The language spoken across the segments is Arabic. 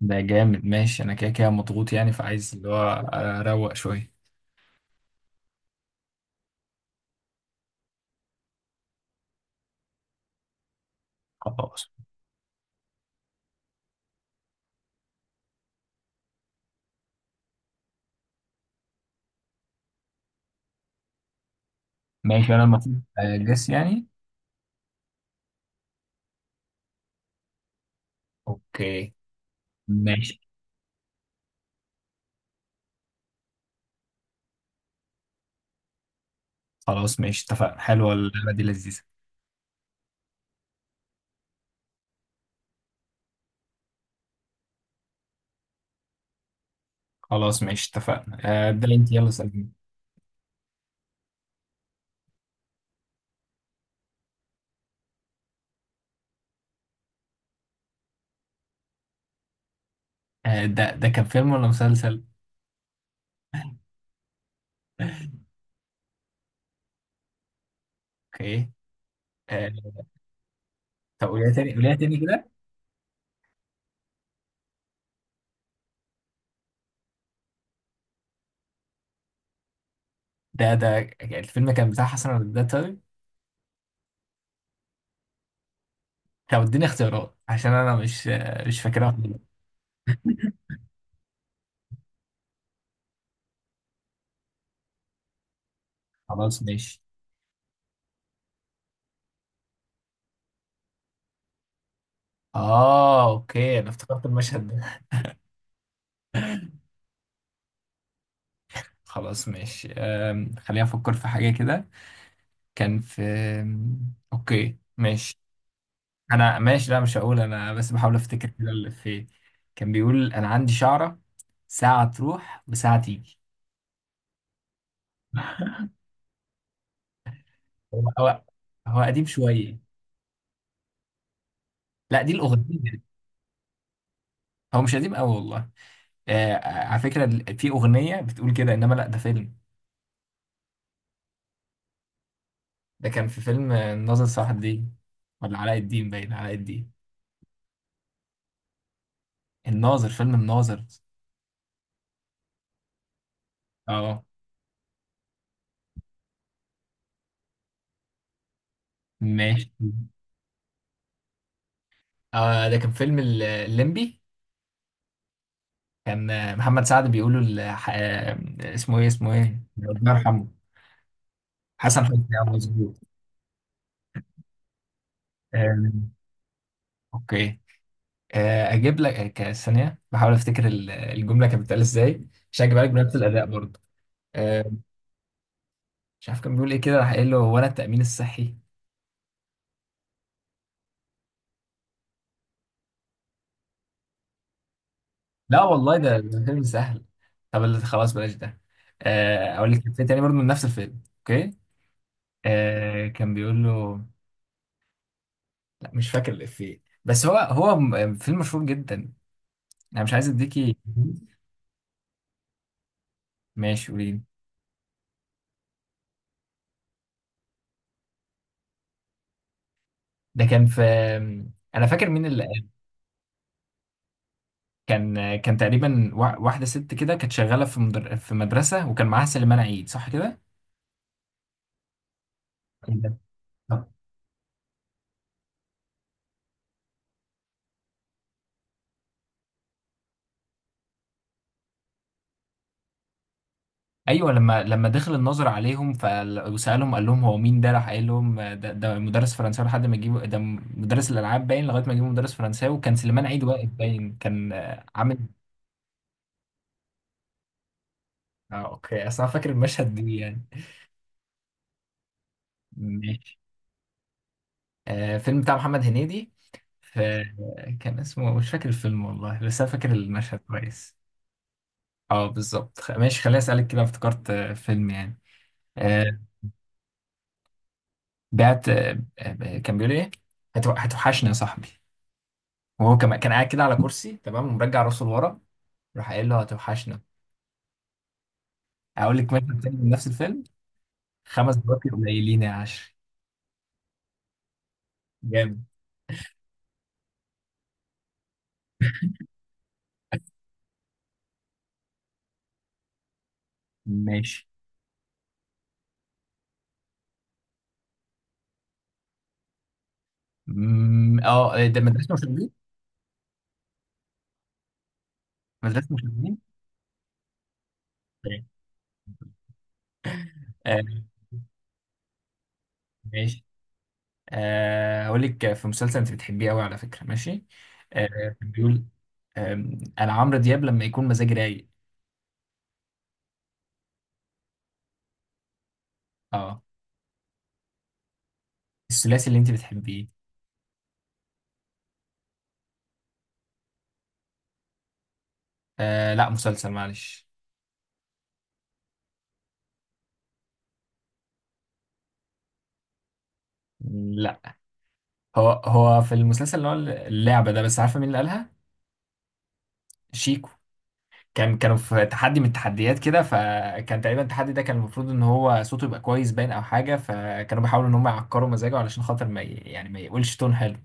ده جامد، ماشي. انا كده كده مضغوط يعني، فعايز اللي هو اروق شويه. خلاص ماشي، انا المفروض اجس يعني. اوكي. ماشي. خلاص ماشي، اتفقنا. حلوه اللعبه دي، لذيذه. خلاص ماشي، اتفقنا. ابدا، انت يلا سألني. ده كان فيلم ولا مسلسل؟ اوكي. آه، طب قوليها تاني، قوليها تاني كده. ده الفيلم كان بتاع حسن الرداد، طيب. طب اديني اختيارات عشان انا مش فاكرها خالص. خلاص ماشي. اه، اوكي، انا افتكرت المشهد ده. خلاص ماشي، خليني افكر في حاجه كده. كان في، اوكي ماشي. انا ماشي، لا مش هقول انا، بس بحاول افتكر كده اللي في. كان بيقول: انا عندي شعره، ساعه تروح وساعه تيجي. هو هو. هو قديم شويه. لا دي الاغنيه. هو مش قديم قوي والله. على فكره، في اغنيه بتقول كده، انما لا، ده فيلم. ده كان في فيلم الناظر. صلاح الدين ولا علاء الدين؟ باين علاء الدين. الناظر، فيلم الناظر. اه، ماشي. ده كان فيلم الليمبي. كان محمد سعد بيقولوا، اسمه ايه، اسمه ايه، الله يرحمه. حسن حسني اه مظبوط. آه، اوكي. اجيب لك ثانيه، بحاول افتكر الجمله كانت بتتقال ازاي، عشان اجيبها لك بنفس الاداء برضه. آه، مش عارف كان بيقول ايه كده، راح قايل له: هو انا التامين الصحي؟ لا والله، ده فيلم سهل. طب خلاص بلاش ده. اقول لك فيلم تاني برضه من نفس الفيلم، اوكي. كان بيقول له، لا مش فاكر الإفيه، بس هو فيلم مشهور جدا. انا مش عايز اديكي. ماشي قولي. ده كان في، انا فاكر مين اللي... كان تقريبا واحده ست كده، كانت شغاله في في مدرسه، وكان معاها سليمان عيد صح كده كده. ايوه، لما دخل الناظر عليهم ف... وسالهم، قال لهم: هو مين ده؟ راح قايل لهم: ده مدرس فرنساوي لحد ما جيبوا ده، مدرس الالعاب باين، لغايه ما جيبوا مدرس فرنساوي. وكان سليمان عيد واقف، باين كان عامل... اه اوكي، اصل انا فاكر المشهد دي يعني. ماشي. فيلم بتاع محمد هنيدي ف- كان اسمه، مش فاكر الفيلم والله، بس انا فاكر المشهد كويس. اه بالظبط، ماشي خليني اسالك كده، افتكرت فيلم يعني. آه، بعت، كان بيقول ايه، هتوحشني يا صاحبي. وهو كان قاعد كده على كرسي تمام، ومرجع راسه لورا. راح قايل له: هتوحشنا. اقول لك مشهد تاني من نفس الفيلم، 5 دقايق قليلين يا عشري. جامد. ماشي. اه، ده مدرسه مشاغبين. مدرسه مشاغبين. آه، ماشي. اقول لك في مسلسل انت بتحبيه قوي على فكره، ماشي؟ بيقول انا عمرو دياب لما يكون مزاجي رايق. اه، الثلاثي اللي انت بتحبيه. لا مسلسل، معلش. لا، هو في المسلسل اللي هو اللعبه ده، بس عارفه مين اللي قالها؟ شيكو. كانوا في تحدي من التحديات كده، فكان تقريبا التحدي ده كان المفروض ان هو صوته يبقى كويس باين او حاجه، فكانوا بيحاولوا ان هم يعكروا مزاجه علشان خاطر ما ي... يعني ما يقولش تون حلو.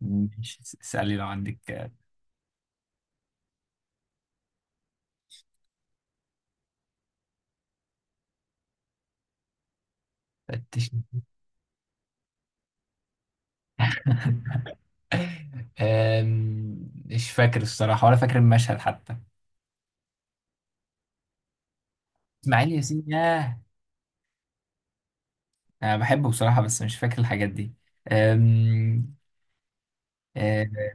ماشي، اسالي لو عندك. آه، تشن- مش فاكر الصراحة ولا فاكر المشهد حتى. إسماعيل ياسين؟ ياه. أنا بحبه بصراحة، بس مش فاكر الحاجات دي. آم، آه،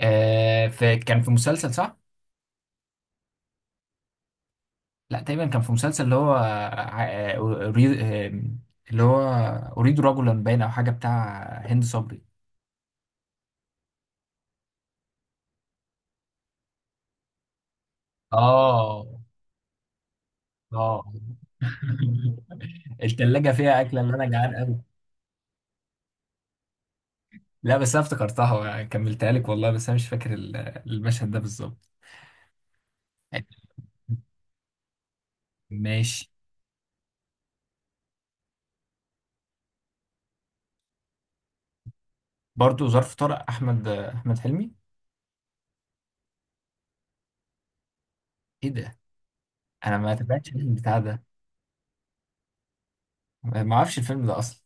آه، كان في مسلسل صح؟ لا تقريبا كان في مسلسل اللي هو أريد آم، اللي هو أريد رجلا، باين أو حاجة بتاع هند صبري. آه آه التلاجة فيها أكلة اللي أنا جعان أوي. لا بس أنا افتكرتها، كملتها لك والله، بس أنا مش فاكر المشهد ده بالظبط. ماشي. برضه ظرف طارق، احمد حلمي. ايه ده؟ انا ما تابعتش البتاع ده. ما اعرفش الفيلم ده اصلا.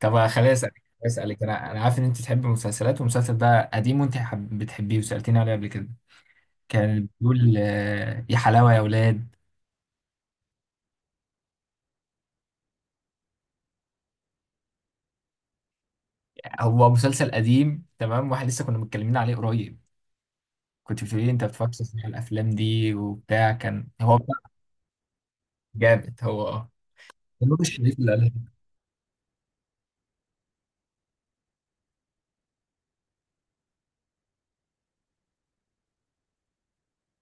طب خليني اسالك، انا عارف ان انت تحب المسلسلات والمسلسل ده قديم، وانت بتحبيه وسالتيني عليه قبل كده. كان بيقول يا حلاوه يا اولاد. هو مسلسل قديم تمام، واحد لسه كنا متكلمين عليه قريب. كنت بتقولي لي انت بتفكر في الافلام دي وبتاع، كان هو بتاع... جامد، هو اه. نور الشريف اللي قالها.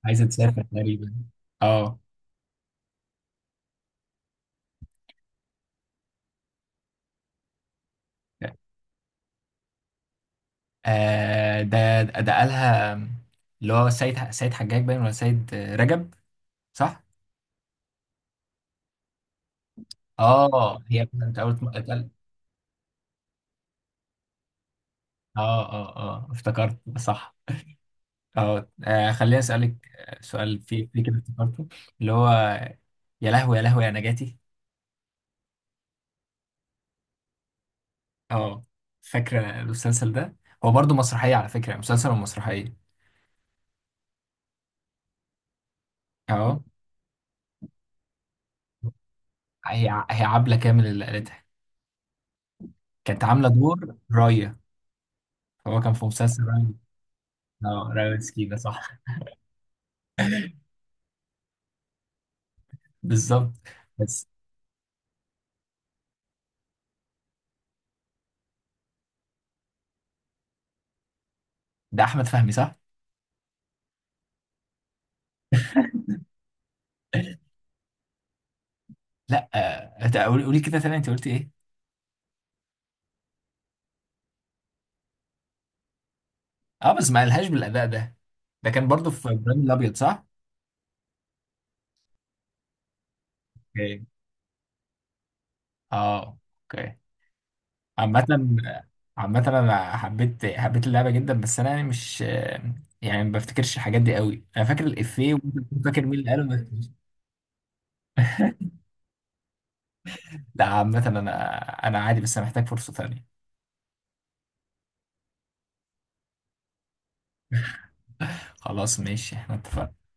عايزه تسافر تقريبا. اه. ده قالها، اللي هو سيد حجاج باين، ولا سيد رجب، صح؟ اه، هي كانت اول اتقال، اه، اه، اه، افتكرت صح. اه، خليني اسالك سؤال، في كده افتكرته. اللي هو، يا لهوي يا لهوي يا نجاتي. اه، فاكره المسلسل ده؟ هو برضو مسرحيه، على فكره مسلسل ومسرحيه. اه، هي عبله كامل اللي قالتها. كانت عامله دور رايه. هو كان في مسلسل رايه. اه، رايه مسكينه، صح. بالظبط. بس، ده احمد فهمي صح؟ لا. ده قولي، قولي كده تاني، انت قلت ايه؟ اه بس ما قالهاش بالاداء ده. ده كان برضو في ابراهيم الابيض، صح؟ اوكي. اه، اوكي. عامة. عامة انا حبيت اللعبة جدا، بس انا يعني مش يعني ما بفتكرش الحاجات دي قوي، انا فاكر الافيه وممكن أكون فاكر مين اللي قاله، بس لا، عامة انا عادي، بس انا محتاج فرصة تانية. خلاص ماشي، احنا اتفقنا.